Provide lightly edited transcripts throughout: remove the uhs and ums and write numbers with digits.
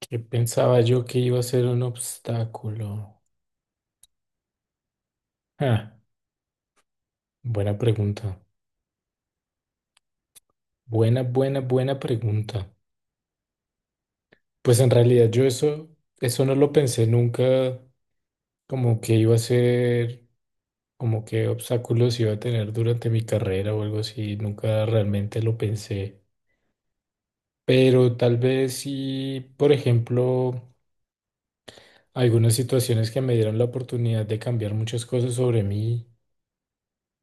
¿Qué pensaba yo que iba a ser un obstáculo? Ah, buena pregunta. Buena pregunta. Pues en realidad yo eso no lo pensé nunca, como que iba a ser, como que obstáculos iba a tener durante mi carrera o algo así. Nunca realmente lo pensé. Pero tal vez sí, por ejemplo, algunas situaciones que me dieron la oportunidad de cambiar muchas cosas sobre mí.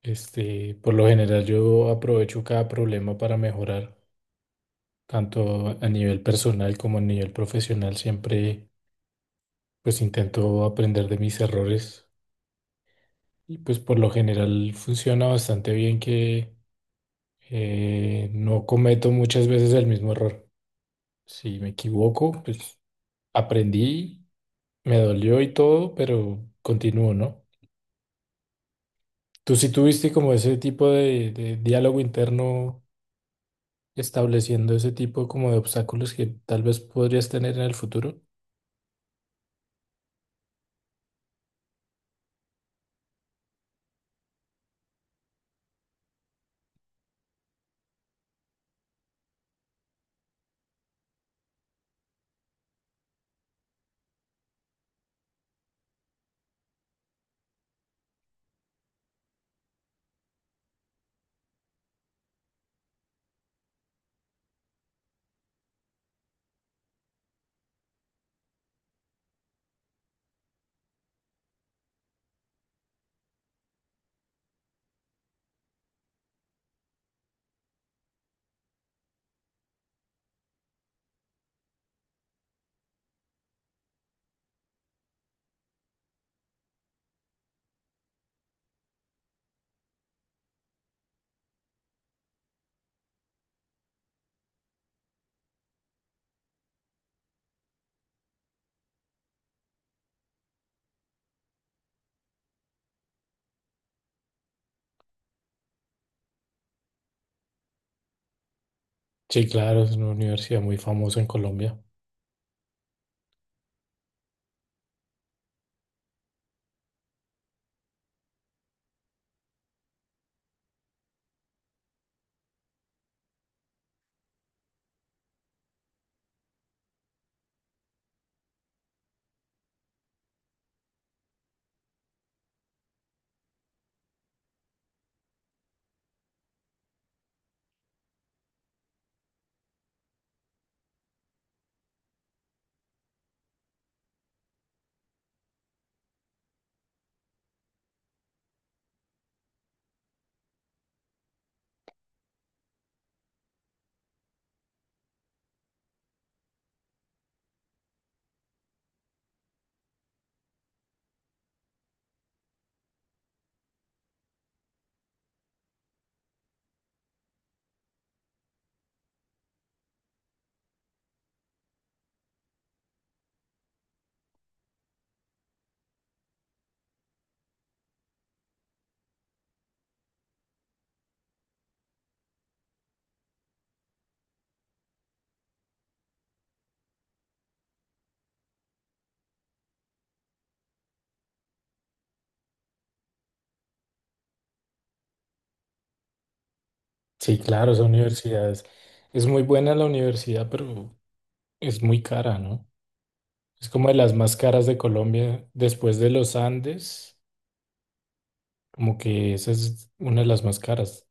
Este, por lo general yo aprovecho cada problema para mejorar, tanto a nivel personal como a nivel profesional. Siempre pues intento aprender de mis errores, y pues por lo general funciona bastante bien que no cometo muchas veces el mismo error. Si me equivoco, pues aprendí, me dolió y todo, pero continúo, ¿no? ¿Tú sí tuviste como ese tipo de diálogo interno estableciendo ese tipo como de obstáculos que tal vez podrías tener en el futuro? Sí, claro, es una universidad muy famosa en Colombia. Sí, claro, esa universidad es muy buena la universidad, pero es muy cara, ¿no? Es como de las más caras de Colombia después de los Andes, como que esa es una de las más caras.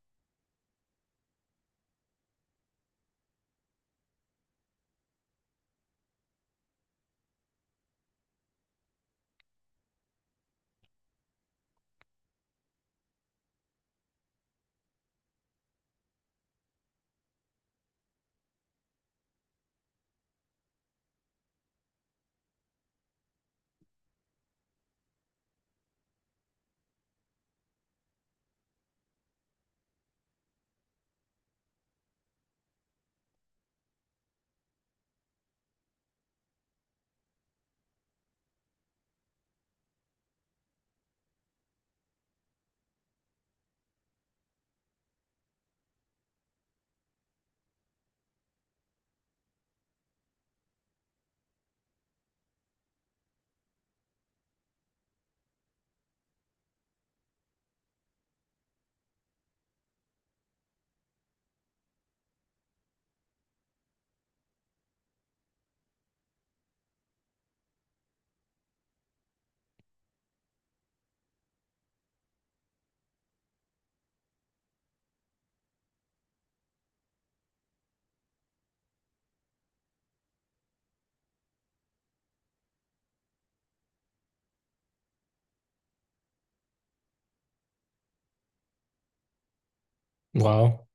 Wow.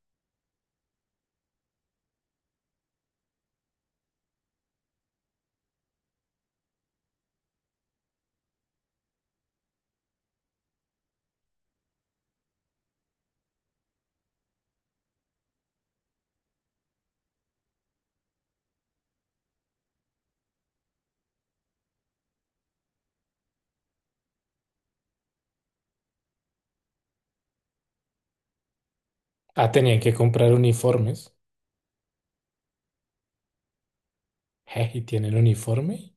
Ah, tenían que comprar uniformes. Je, ¿y tienen uniforme?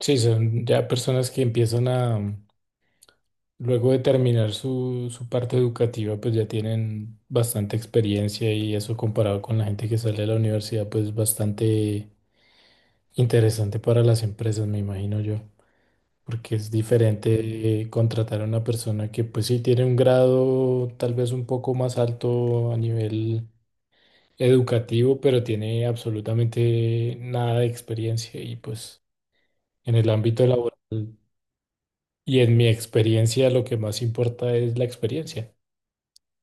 Sí, son ya personas que empiezan a, luego de terminar su, su parte educativa, pues ya tienen bastante experiencia, y eso comparado con la gente que sale de la universidad, pues es bastante interesante para las empresas, me imagino yo, porque es diferente contratar a una persona que pues sí tiene un grado tal vez un poco más alto a nivel educativo, pero tiene absolutamente nada de experiencia y pues en el ámbito laboral. Y en mi experiencia lo que más importa es la experiencia.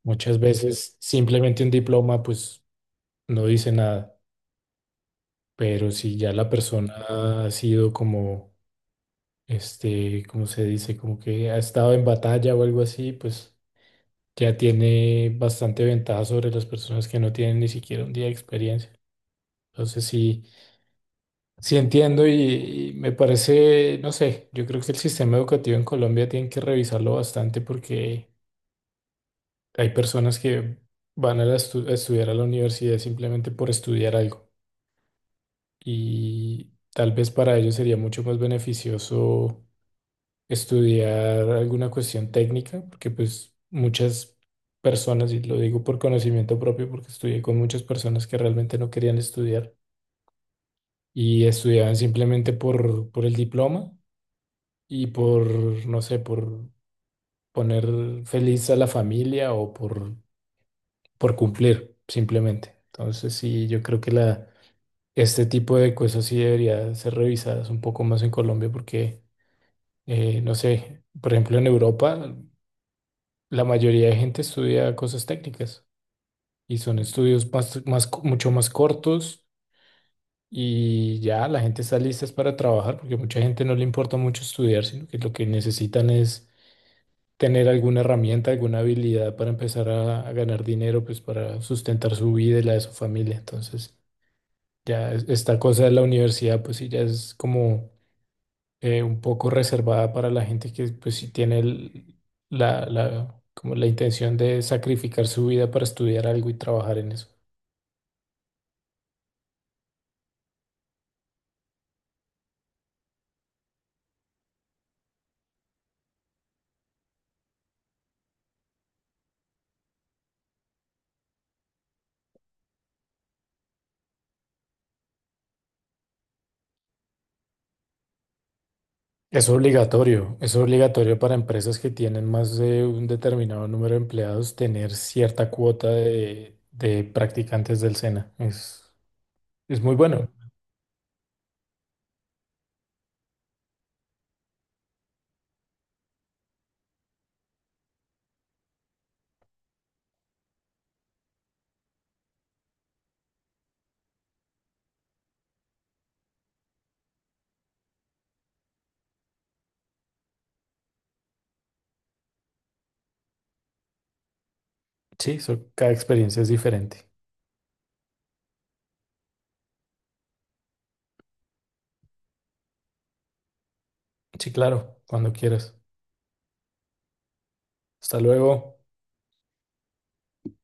Muchas veces simplemente un diploma pues no dice nada, pero si ya la persona ha sido como, este, ¿cómo se dice? Como que ha estado en batalla o algo así, pues ya tiene bastante ventaja sobre las personas que no tienen ni siquiera un día de experiencia. Entonces sí, sí entiendo, y me parece, no sé, yo creo que el sistema educativo en Colombia tienen que revisarlo bastante, porque hay personas que van a, la estu- a estudiar a la universidad simplemente por estudiar algo, y tal vez para ellos sería mucho más beneficioso estudiar alguna cuestión técnica, porque pues muchas personas, y lo digo por conocimiento propio, porque estudié con muchas personas que realmente no querían estudiar y estudiaban simplemente por el diploma y por, no sé, por poner feliz a la familia o por cumplir, simplemente. Entonces sí, yo creo que la... Este tipo de cosas sí debería ser revisadas un poco más en Colombia, porque no sé, por ejemplo, en Europa la mayoría de gente estudia cosas técnicas, y son estudios mucho más cortos, y ya la gente está lista es para trabajar, porque mucha gente no le importa mucho estudiar, sino que lo que necesitan es tener alguna herramienta, alguna habilidad para empezar a ganar dinero, pues para sustentar su vida y la de su familia. Entonces, ya es- esta cosa de la universidad, pues sí, ya es como un poco reservada para la gente que pues sí tiene el- como la intención de sacrificar su vida para estudiar algo y trabajar en eso. Es obligatorio para empresas que tienen más de un determinado número de empleados tener cierta cuota de practicantes del SENA. Es muy bueno. Sí, so- cada experiencia es diferente. Sí, claro, cuando quieras. Hasta luego.